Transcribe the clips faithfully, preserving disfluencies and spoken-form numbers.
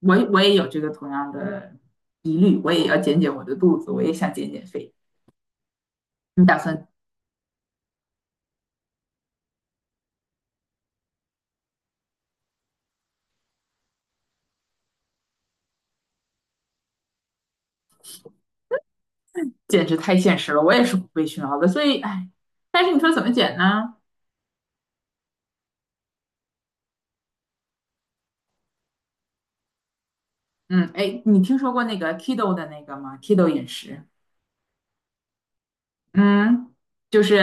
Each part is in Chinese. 我我也有这个同样的疑虑，我也要减减我的肚子，我也想减减肥。你打算简直太现实了，我也是不被熏陶的，所以哎，但是你说怎么减呢？嗯，哎，你听说过那个 keto 的那个吗？keto 饮食，嗯，就是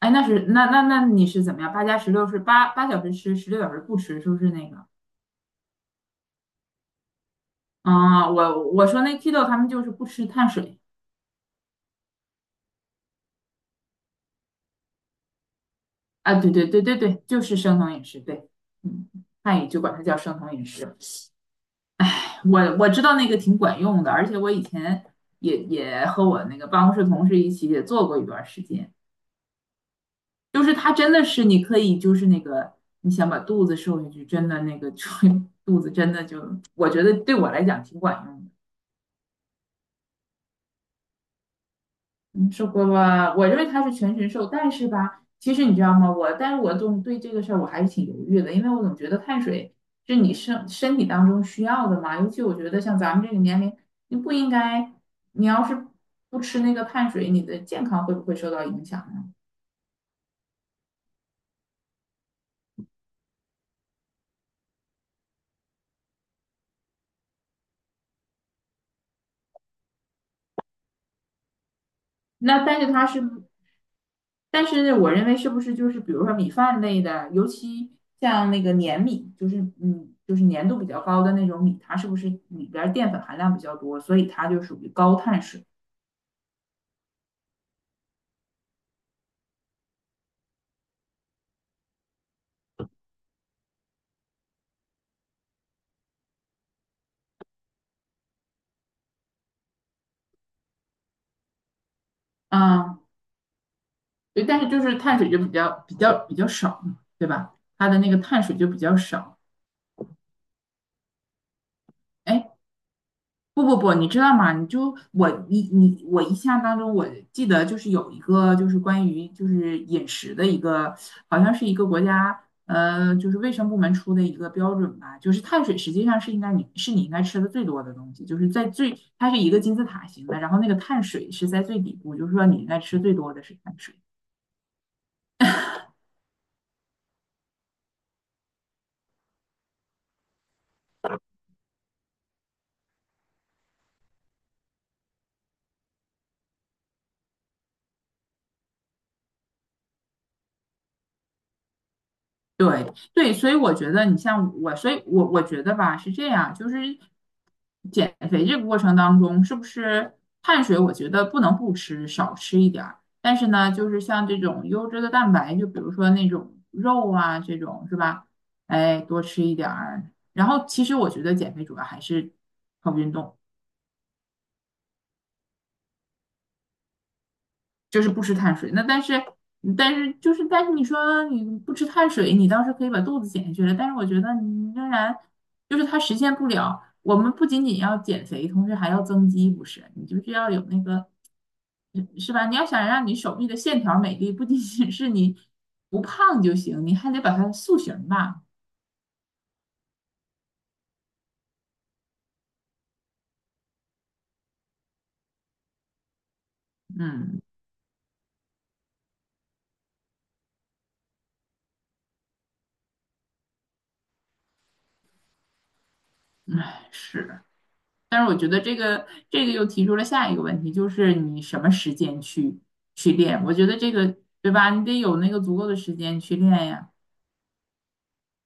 哎，那是那那那你是怎么样？八加十六是八八小时吃，十六小时不吃，是不是那个？啊、我我说那 keto 他们就是不吃碳水啊，对对对对对，就是生酮饮食，对，嗯，汉语就管它叫生酮饮食。我我知道那个挺管用的，而且我以前也也和我那个办公室同事一起也做过一段时间，就是它真的是你可以就是那个你想把肚子瘦下去，真的那个就 肚子真的就我觉得对我来讲挺管用的。嗯，受过吧？我认为他是全身瘦，但是吧，其实你知道吗？我，但是我总对这个事儿我还是挺犹豫的，因为我总觉得碳水是你身身体当中需要的嘛，尤其我觉得像咱们这个年龄，你不应该，你要是不吃那个碳水，你的健康会不会受到影响呢？那但是它是，但是我认为是不是就是比如说米饭类的，尤其像那个粘米，就是嗯，就是粘度比较高的那种米，它是不是里边儿淀粉含量比较多，所以它就属于高碳水。嗯，对，但是就是碳水就比较比较比较少嘛，对吧？它的那个碳水就比较少。哎，不不不，你知道吗？你就我你你我印象当中，我记得就是有一个就是关于就是饮食的一个，好像是一个国家呃就是卫生部门出的一个标准吧，就是碳水实际上是应该你是你应该吃的最多的东西，就是在最它是一个金字塔型的，然后那个碳水是在最底部，就是说你应该吃最多的是碳水。对对，所以我觉得你像我，所以我我觉得吧是这样，就是减肥这个过程当中，是不是碳水？我觉得不能不吃，少吃一点儿。但是呢，就是像这种优质的蛋白，就比如说那种肉啊，这种是吧？哎，多吃一点儿。然后其实我觉得减肥主要还是靠运动。就是不吃碳水。那但是，嗯但是就是，但是你说你不吃碳水，你倒是可以把肚子减下去了。但是我觉得你仍然就是它实现不了。我们不仅仅要减肥，同时还要增肌，不是？你就是要有那个，是吧？你要想让你手臂的线条美丽，不仅仅是你不胖就行，你还得把它塑形吧。嗯，唉，是。但是我觉得这个这个又提出了下一个问题，就是你什么时间去去练？我觉得这个对吧？你得有那个足够的时间去练呀。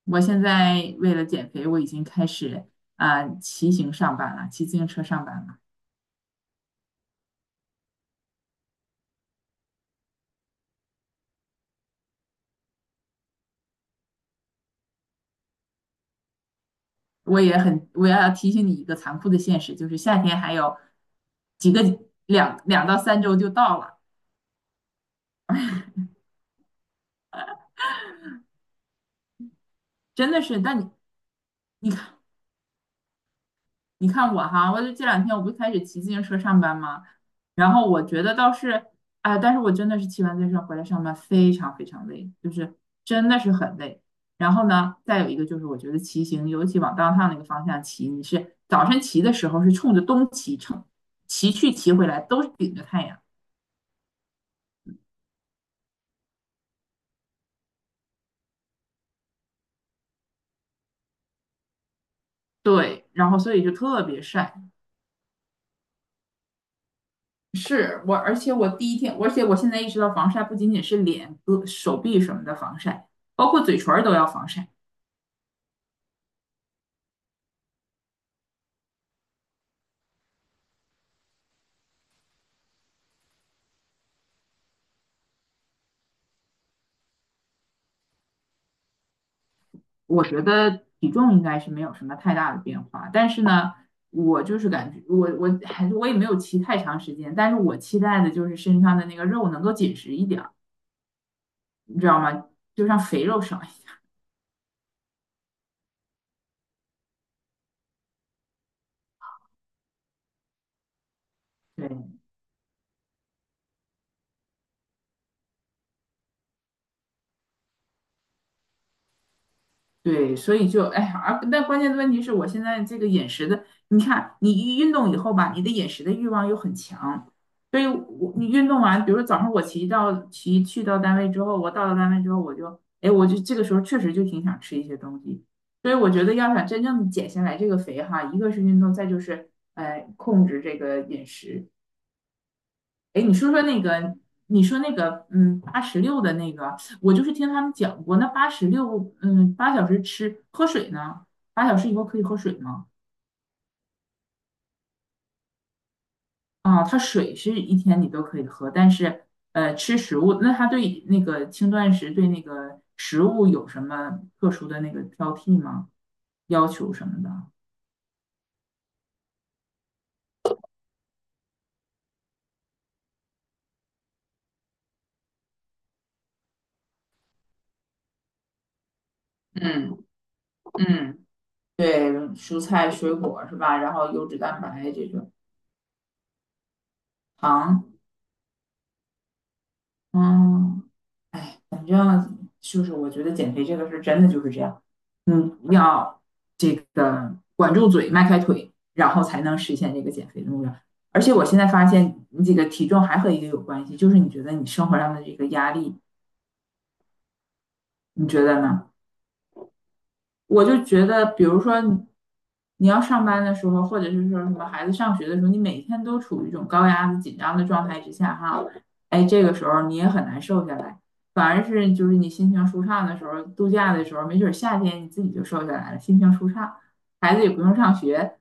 我现在为了减肥，我已经开始啊、骑行上班了，骑自行车上班了。我也很，我要提醒你一个残酷的现实，就是夏天还有几个两两到三周就到了，真的是。但你你看。你看我哈，我就这两天我不是开始骑自行车上班吗？然后我觉得倒是，哎，但是我真的是骑完自行车回来上班非常非常累，就是真的是很累。然后呢，再有一个就是我觉得骑行，尤其往 d o 那个方向骑，你是早晨骑的时候是冲着东骑，冲骑去骑回来都是顶着太阳，对，然后所以就特别晒。是我，而且我第一天，而且我现在意识到防晒不仅仅是脸、胳手臂什么的防晒，包括嘴唇儿都要防晒。我觉得体重应该是没有什么太大的变化，但是呢，我就是感觉我我还是我也没有骑太长时间，但是我期待的就是身上的那个肉能够紧实一点儿，你知道吗？就让肥肉少一点对，对，所以就哎呀，而但关键的问题是我现在这个饮食的，你看你一运动以后吧，你的饮食的欲望又很强，所以我你运动完，比如说早上我骑到骑去到单位之后，我到了单位之后，我就哎，我就这个时候确实就挺想吃一些东西，所以我觉得要想真正减下来这个肥哈，一个是运动，再就是呃控制这个饮食，哎，你说说那个，你说那个，嗯，八十六的那个，我就是听他们讲过，那八十六，嗯，八小时吃喝水呢，八小时以后可以喝水吗？啊，它水是一天你都可以喝，但是呃，吃食物，那它对那个轻断食对那个食物有什么特殊的那个挑剔吗？要求什么的？嗯嗯，对，蔬菜水果是吧？然后优质蛋白这种糖，嗯，嗯，就是我觉得减肥这个是真的就是这样，嗯，要这个管住嘴，迈开腿，然后才能实现这个减肥的目标。而且我现在发现，你这个体重还和一个有关系，就是你觉得你生活上的这个压力，你觉得呢？我就觉得，比如说你你要上班的时候，或者是说什么孩子上学的时候，你每天都处于一种高压的紧张的状态之下，哈，哎，这个时候你也很难瘦下来。反而是就是你心情舒畅的时候，度假的时候，没准儿夏天你自己就瘦下来了，心情舒畅，孩子也不用上学，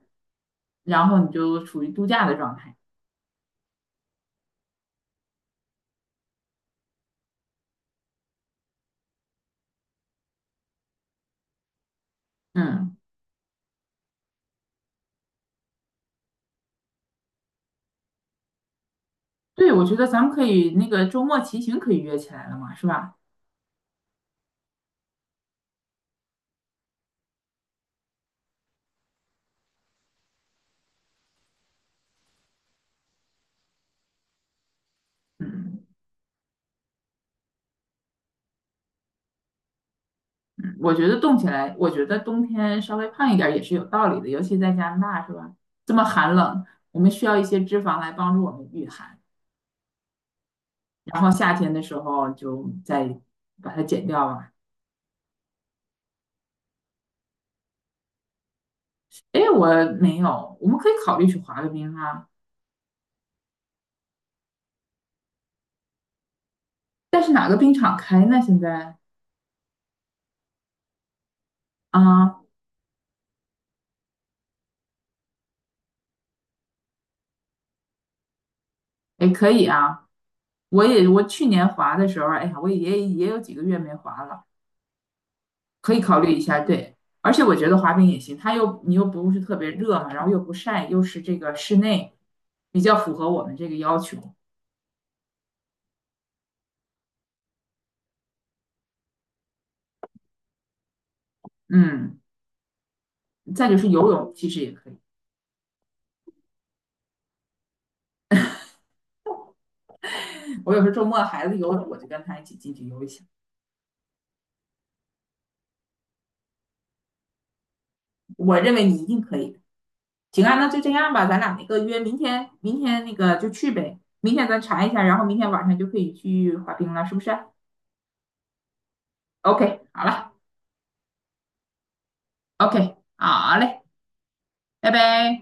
然后你就处于度假的状态。嗯，对，我觉得咱们可以那个周末骑行可以约起来了嘛，是吧？嗯。我觉得冻起来，我觉得冬天稍微胖一点儿也是有道理的，尤其在加拿大是吧？这么寒冷，我们需要一些脂肪来帮助我们御寒，然后夏天的时候就再把它减掉吧。哎，我没有，我们可以考虑去滑个冰啊，但是哪个冰场开呢？现在啊，哎，可以啊，我也我去年滑的时候，哎呀，我也也有几个月没滑了。可以考虑一下，对。而且我觉得滑冰也行，它又你又不是特别热嘛，然后又不晒，又是这个室内，比较符合我们这个要求。嗯，再就是游泳，其实也可以。我有时候周末孩子游泳，我就跟他一起进去游一下。我认为你一定可以的。行啊，那就这样吧，咱俩那个约明天，明天那个就去呗。明天咱查一下，然后明天晚上就可以去滑冰了，是不是啊？OK，好了，OK，好嘞，拜拜。